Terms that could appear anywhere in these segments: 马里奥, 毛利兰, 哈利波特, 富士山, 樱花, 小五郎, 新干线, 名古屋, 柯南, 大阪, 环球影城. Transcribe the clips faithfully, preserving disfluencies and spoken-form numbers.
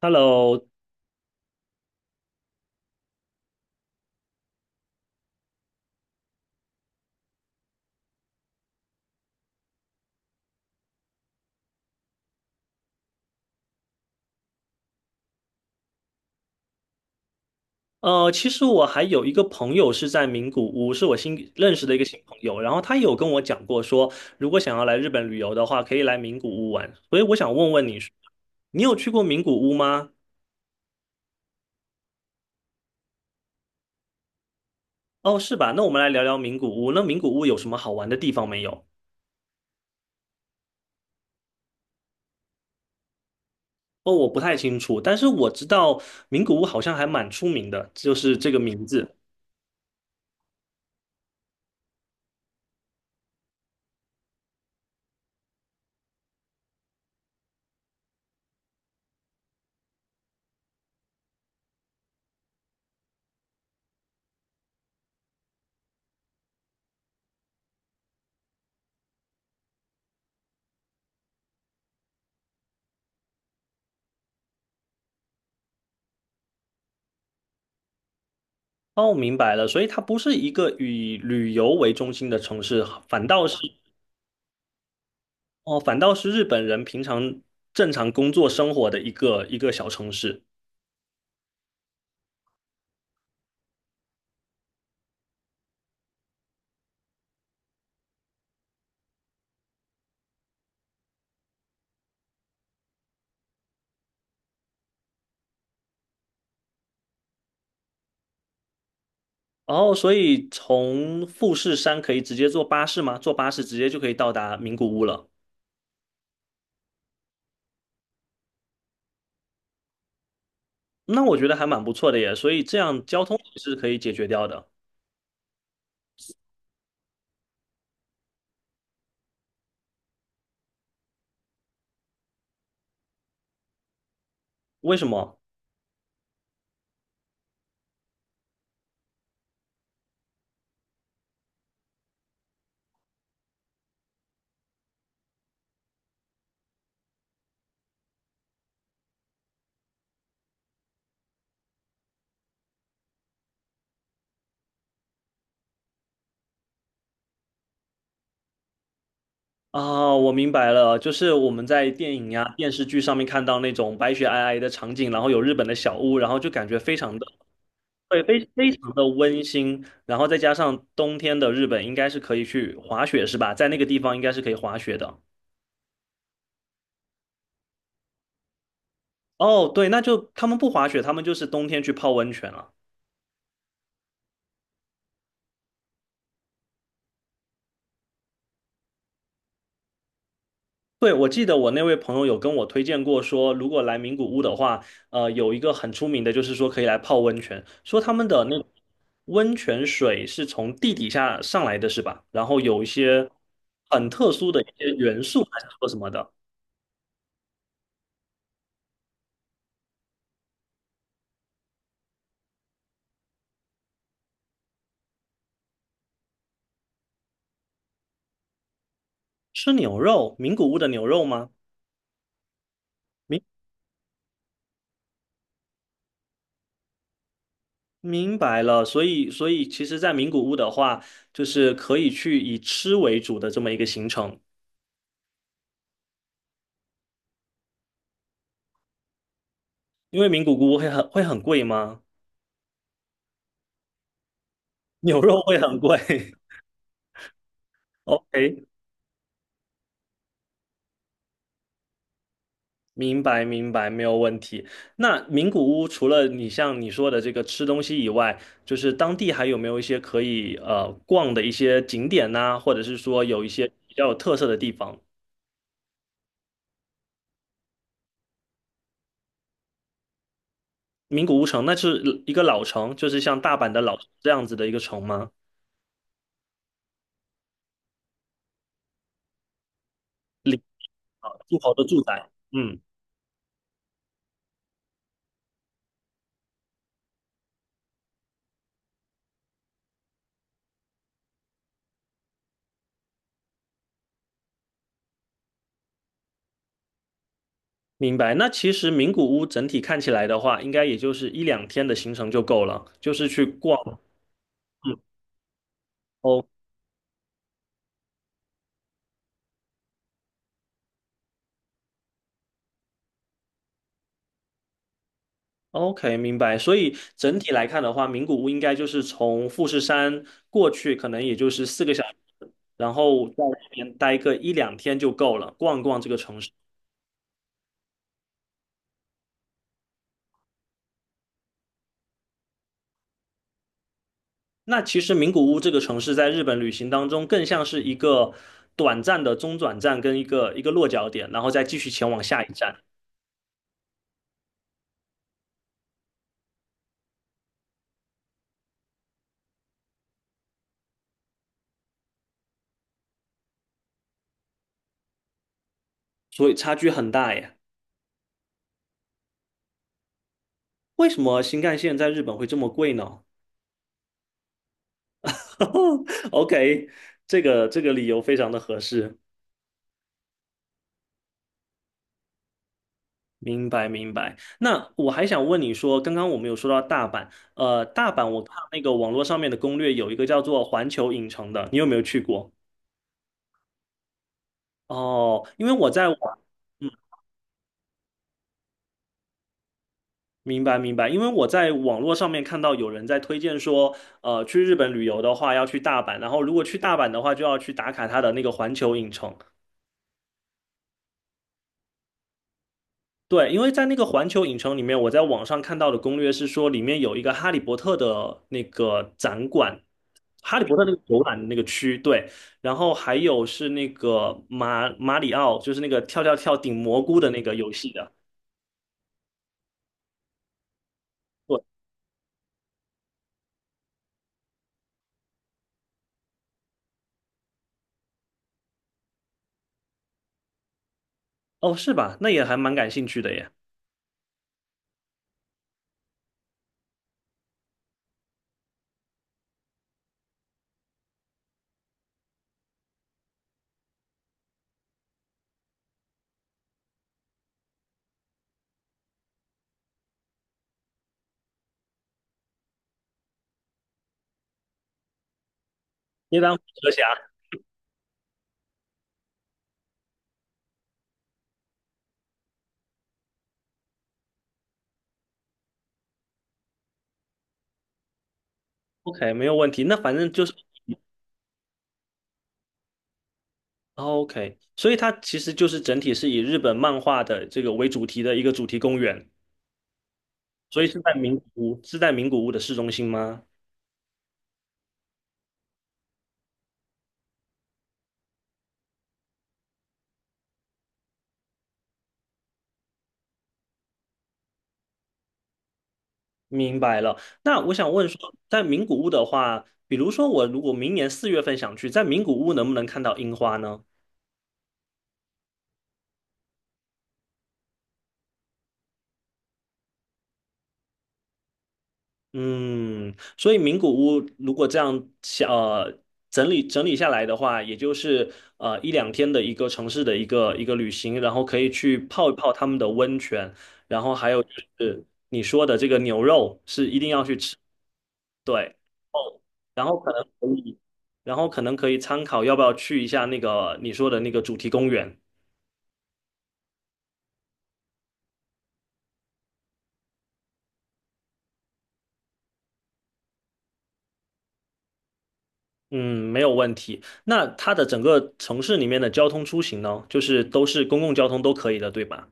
Hello。呃，其实我还有一个朋友是在名古屋，是我新认识的一个新朋友，然后他有跟我讲过说，如果想要来日本旅游的话，可以来名古屋玩。所以我想问问你，你有去过名古屋吗？哦，是吧？那我们来聊聊名古屋。那名古屋有什么好玩的地方没有？哦，我不太清楚，但是我知道名古屋好像还蛮出名的，就是这个名字。哦，明白了，所以它不是一个以旅游为中心的城市，反倒是。哦，反倒是日本人平常正常工作生活的一个一个小城市。然后，所以从富士山可以直接坐巴士吗？坐巴士直接就可以到达名古屋了。那我觉得还蛮不错的耶，所以这样交通也是可以解决掉的。为什么？啊、我明白了，就是我们在电影呀、电视剧上面看到那种白雪皑皑的场景，然后有日本的小屋，然后就感觉非常的。对，非非常的温馨，然后再加上冬天的日本应该是可以去滑雪，是吧？在那个地方应该是可以滑雪的。哦，对，那就他们不滑雪，他们就是冬天去泡温泉了。对，我记得我那位朋友有跟我推荐过说，如果来名古屋的话，呃，有一个很出名的，就是说可以来泡温泉，说他们的那温泉水是从地底下上来的，是吧？然后有一些很特殊的一些元素，还是说什么的？吃牛肉，名古屋的牛肉吗？名。明白了，所以所以其实，在名古屋的话，就是可以去以吃为主的这么一个行程，因为名古屋会很会很贵吗？牛肉会很贵 ？OK，明白明白，没有问题。那名古屋除了你像你说的这个吃东西以外，就是当地还有没有一些可以呃逛的一些景点呐、或者是说有一些比较有特色的地方？名古屋城那是一个老城，就是像大阪的老城这样子的一个城吗？里啊，诸侯的住宅，嗯。明白。那其实名古屋整体看起来的话，应该也就是一两天的行程就够了，就是去逛。嗯，哦，OK，明白。所以整体来看的话，名古屋应该就是从富士山过去，可能也就是四个小时，然后在那边待个一两天就够了，逛逛这个城市。那其实名古屋这个城市在日本旅行当中，更像是一个短暂的中转站跟一个一个落脚点，然后再继续前往下一站，所以差距很大耶。为什么新干线在日本会这么贵呢 ？OK，这个这个理由非常的合适，明白明白。那我还想问你说，刚刚我们有说到大阪，呃，大阪我看那个网络上面的攻略有一个叫做环球影城的，你有没有去过？哦，因为我在网，嗯，明白明白，因为我在网络上面看到有人在推荐说，呃，去日本旅游的话要去大阪，然后如果去大阪的话就要去打卡它的那个环球影城。对，因为在那个环球影城里面，我在网上看到的攻略是说，里面有一个哈利波特的那个展馆，哈利波特那个游览的那个区，对，然后还有是那个马马里奥，就是那个跳跳跳顶蘑菇的那个游戏的，对，哦，是吧？那也还蛮感兴趣的耶。你当蛇侠，OK，没有问题。那反正就是哦 OK，所以它其实就是整体是以日本漫画的这个为主题的一个主题公园，所以是在名古屋，是在名古屋的市中心吗？明白了。那我想问说，在名古屋的话，比如说我如果明年四月份想去，在名古屋能不能看到樱花呢？嗯，所以名古屋如果这样想，呃，整理整理下来的话，也就是呃一两天的一个城市的一个一个旅行，然后可以去泡一泡他们的温泉，然后还有就是你说的这个牛肉是一定要去吃，对，哦，然后可能可以。然后可能可以参考要不要去一下那个你说的那个主题公园。嗯，没有问题。那它的整个城市里面的交通出行呢，就是都是公共交通都可以的，对吧？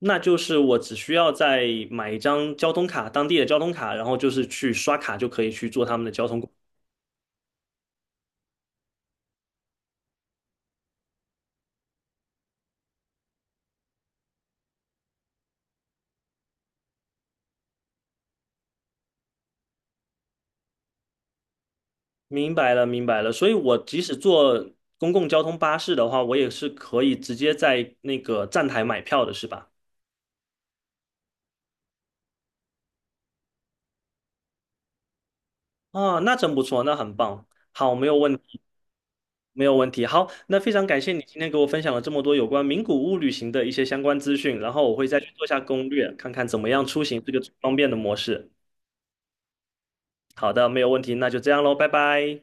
那就是我只需要再买一张交通卡，当地的交通卡，然后就是去刷卡就可以去做他们的交通工明白了，明白了。所以我即使坐公共交通巴士的话，我也是可以直接在那个站台买票的，是吧？啊，那真不错，那很棒。好，没有问题，没有问题。好，那非常感谢你今天给我分享了这么多有关名古屋旅行的一些相关资讯，然后我会再去做下攻略，看看怎么样出行这个最方便的模式。好的，没有问题，那就这样喽，拜拜。